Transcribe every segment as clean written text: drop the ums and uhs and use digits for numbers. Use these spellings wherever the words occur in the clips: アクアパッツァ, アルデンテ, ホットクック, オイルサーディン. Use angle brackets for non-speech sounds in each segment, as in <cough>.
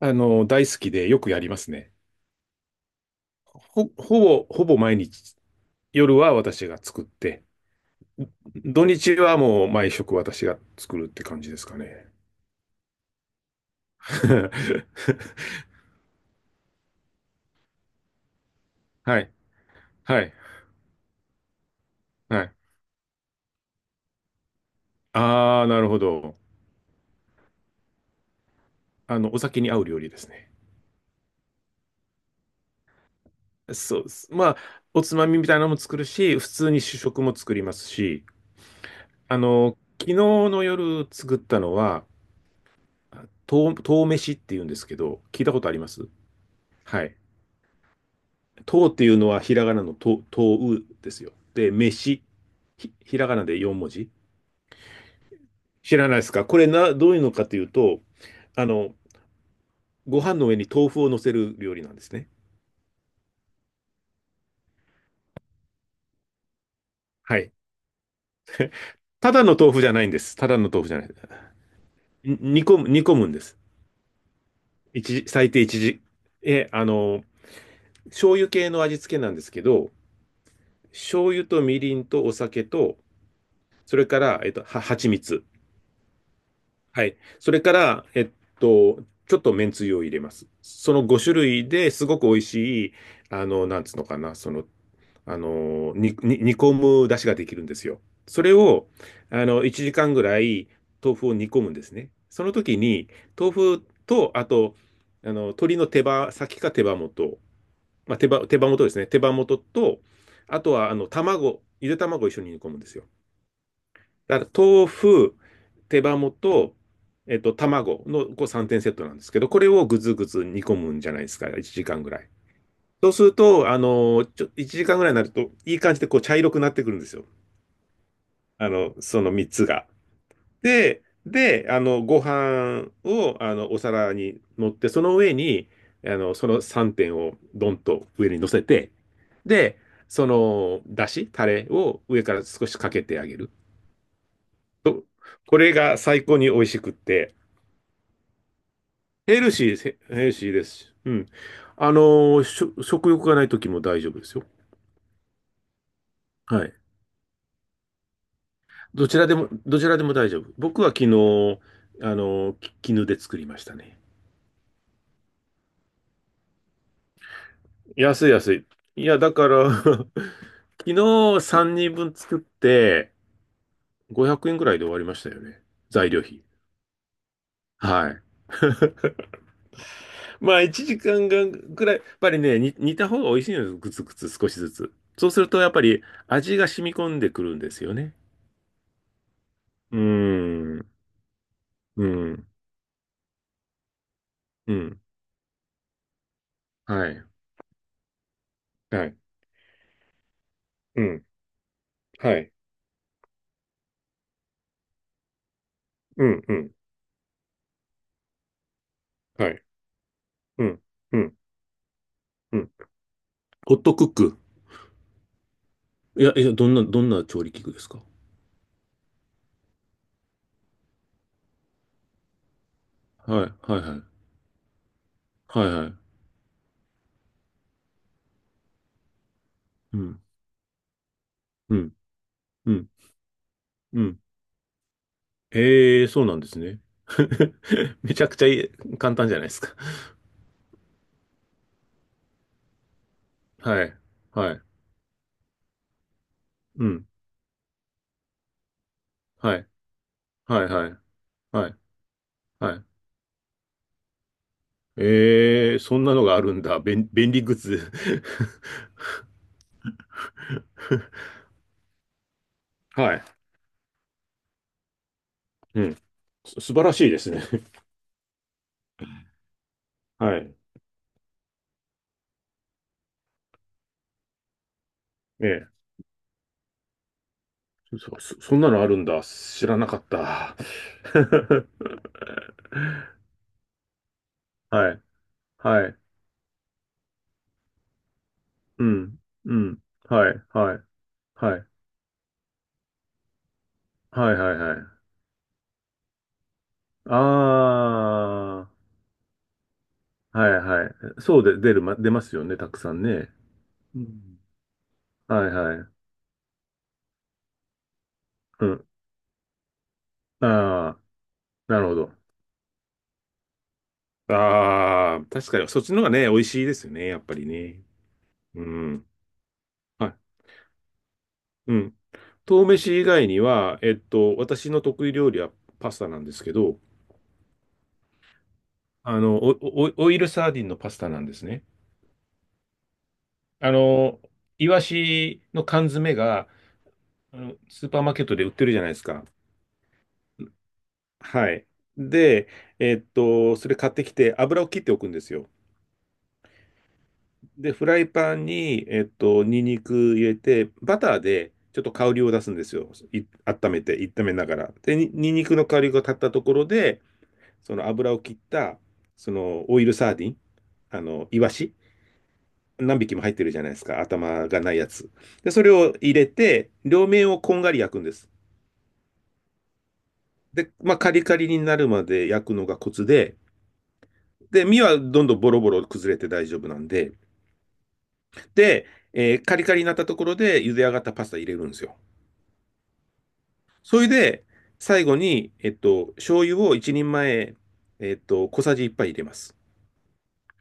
大好きでよくやりますね。ほ、ほほぼ毎日、夜は私が作って、土日はもう毎食私が作るって感じですかね。<laughs> はい、はい、はい。ああ、なるほど。お酒に合う料理ですね。そうです。まあ、おつまみみたいなのも作るし、普通に主食も作りますし、昨日の夜作ったのは、とう飯っていうんですけど、聞いたことあります？はい。とうっていうのはひらがなのとう、とうですよ。で、飯、ひらがなで4文字。知らないですか？これな、どういうのかというと、あの、ご飯の上に豆腐を乗せる料理なんですね。はい。ただの豆腐じゃないんです。ただの豆腐じゃない。に煮込む、煮込むんです。一時、最低一時。え、あの、醤油系の味付けなんですけど、醤油とみりんとお酒と、それから、蜂蜜。はい。それから、と、ちょっとめんつゆを入れます。その5種類ですごく美味しい、なんつうのかな、煮込む出汁ができるんですよ。それを、1時間ぐらい豆腐を煮込むんですね。その時に、豆腐と、あと、鶏の手羽先か手羽元、まあ、手羽元ですね。手羽元と、あとは、卵、ゆで卵を一緒に煮込むんですよ。だから豆腐、手羽元、卵のこう3点セットなんですけど、これをぐずぐず煮込むんじゃないですか、1時間ぐらい。そうすると、1時間ぐらいになると、いい感じでこう茶色くなってくるんですよ。その3つが。で、ご飯を、お皿に乗って、その上に、その3点をドンと上に乗せて、で、その、だし、タレを上から少しかけてあげる。とこれが最高に美味しくって、ヘルシーです、ヘルシーですし。うん。あのーしょ食欲がない時も大丈夫ですよ。はい。どちらでも、どちらでも大丈夫。僕は昨日、あのーき絹で作りましたね。安い安い。いや、だから <laughs> 昨日3人分作って500円ぐらいで終わりましたよね。材料費。はい。まあ、1時間がぐらい、やっぱりね、煮た方が美味しいのです。グツグツ少しずつ。そうすると、やっぱり味が染み込んでくるんですよね。うーん、うん、うん、はい、はい、うん、はい、うん、うん、はい、うん、うん、うん。ホットクック。いや、いや、どんな調理器具ですか？はい、はい、はい、はい、はい。うん、うん、うん、うん。ええ、そうなんですね。<laughs> めちゃくちゃいい簡単じゃないですか？はい、はい、うん、はい、はい、はい。はい。はい。えー、そんなのがあるんだ。便利グッズ。<laughs> はい。うん。素晴らしいですね。<laughs> はい。ええ。そんなのあるんだ。知らなかった。<laughs> はい。はい。うん。うん。はい。はい。はい。はい。はい。はい。ああ。はい。はい。そうで、出ますよね。たくさんね。うん。はい。はい。うん。ああ。なるほど。ああ、確かに、そっちの方がね、美味しいですよね、やっぱりね。うん。はい。うん。豆飯以外には、えっと、私の得意料理はパスタなんですけど、あの、おおオイルサーディンのパスタなんですね。あの、イワシの缶詰が、スーパーマーケットで売ってるじゃないですか。はい。で、それ買ってきて、油を切っておくんですよ。で、フライパンに、ニンニク入れて、バターでちょっと香りを出すんですよ。温めて、炒めながら。で、ニンニクの香りが立ったところで、その油を切った、そのオイルサーディン、イワシ、何匹も入ってるじゃないですか。頭がないやつ。で、それを入れて、両面をこんがり焼くんです。で、まあ、カリカリになるまで焼くのがコツで、で、身はどんどんボロボロ崩れて大丈夫なんで、で、カリカリになったところで茹で上がったパスタ入れるんですよ。それで、最後に、醤油を一人前、小さじ一杯入れます。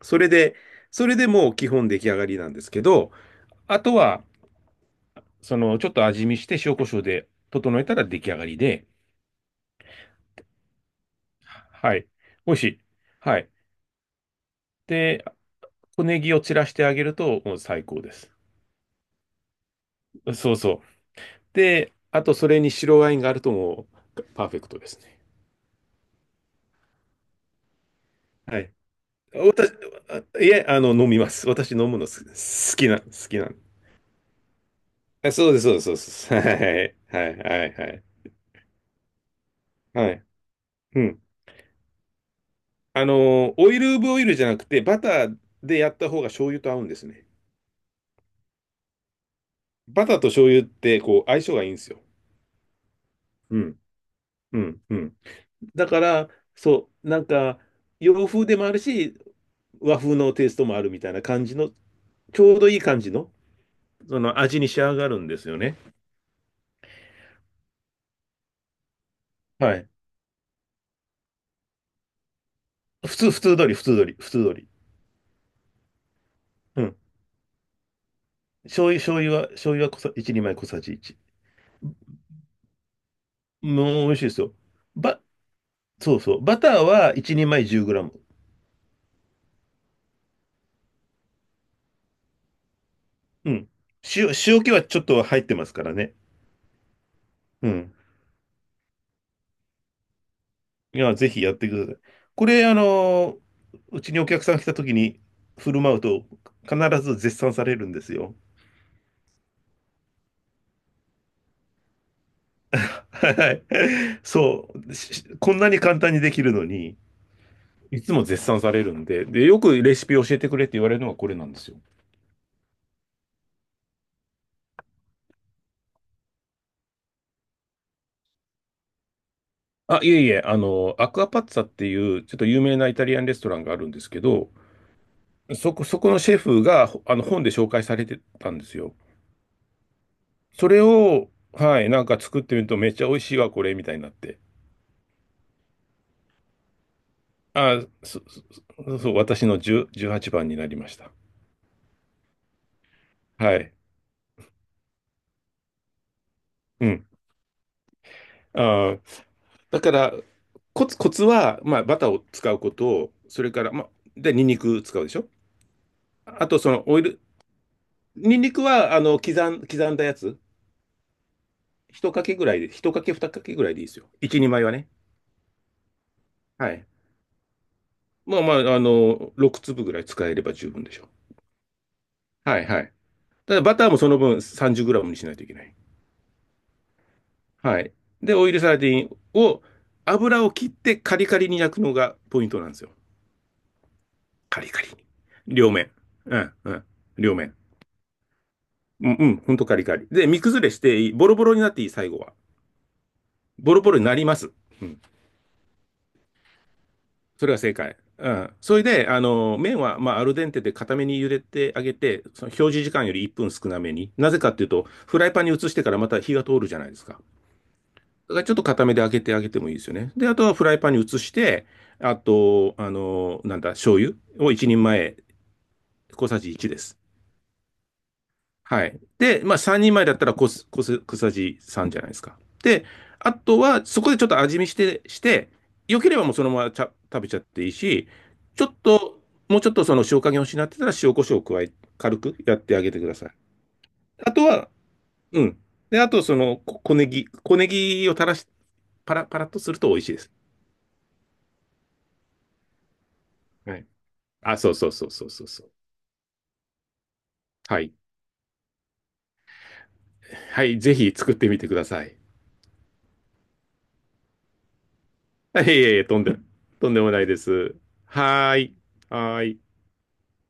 それで、それでもう基本出来上がりなんですけど、あとは、その、ちょっと味見して塩コショウで整えたら出来上がりで、はい。美味しい。はい。で、小ネギを散らしてあげると、もう最高です。そうそう。で、あと、それに白ワインがあるともう、パーフェクトですね。はい。私、あいえ、あの、飲みます。私飲むの好きなんで。あ、そうです、そうです、そうです。<laughs> はい、はい、はい、はい。はい。うん。オイルオブオイルじゃなくて、バターでやった方が醤油と合うんですね。バターと醤油って、こう、相性がいいんですよ。うん、うん、うん。だから、そう、なんか、洋風でもあるし、和風のテイストもあるみたいな感じの、ちょうどいい感じの、その味に仕上がるんですよね。はい。普通、普通通り、普通通り、普通通り。うん。醤油、醤油は、醤油は小さ、一人前小さじ1。もう美味しいですよ。ば、そうそう。バターは1人前1 0ムうん。塩気はちょっと入ってますからね。うん。いや、ぜひやってください。これ、うちにお客さん来た時に振る舞うと必ず絶賛されるんですよ。はい。そう。こんなに簡単にできるのに、いつも絶賛されるんで、で、よくレシピ教えてくれって言われるのがこれなんですよ。あ、いえいえ、アクアパッツァっていう、ちょっと有名なイタリアンレストランがあるんですけど、そこのシェフがほあの本で紹介されてたんですよ。それを、はい、なんか作ってみるとめっちゃ美味しいわ、これ、みたいになって。あ、そう、私の10、18番になりました。はい。うん。あー、だから、コツは、まあ、バターを使うこと、それから、まあ、で、ニンニク使うでしょ？あと、その、オイル、ニンニクは、刻んだやつ、一かけぐらいで、一かけ、二かけぐらいでいいですよ。一二枚はね。はい。まあまあ、6粒ぐらい使えれば十分でしょう？はいはい。ただバターもその分3 0ムにしないといけない。はい。で、オイルサーディンを、油を切ってカリカリに焼くのがポイントなんですよ。カリカリに。両面。うん、うん。両面。うん、うん。ほんとカリカリ。で、身崩れしていい、ボロボロになっていい、最後は。ボロボロになります。うん。それが正解。うん。それで、麺は、まあ、アルデンテで固めに茹でてあげて、その表示時間より1分少なめに。なぜかっていうと、フライパンに移してからまた火が通るじゃないですか。がちょっと固めで揚げてあげてもいいですよね。で、あとはフライパンに移して、あと、あの、なんだ、醤油を1人前、小さじ1です。はい。で、まあ3人前だったら小さじ3じゃないですか。で、あとはそこでちょっと味見して、して、良ければもうそのままちゃ食べちゃっていいし、ちょっと、もうちょっとその塩加減を失ってたら塩コショウを加え、軽くやってあげてください。あとは、うん。で、あとその小ネギを垂らし、パラパラッとすると美味しいです。はい。あ、そうそうそうそうそうそう。はい。はい、ぜひ作ってみてください。<laughs> いえいえ、とんでもないです。はーい。はーい。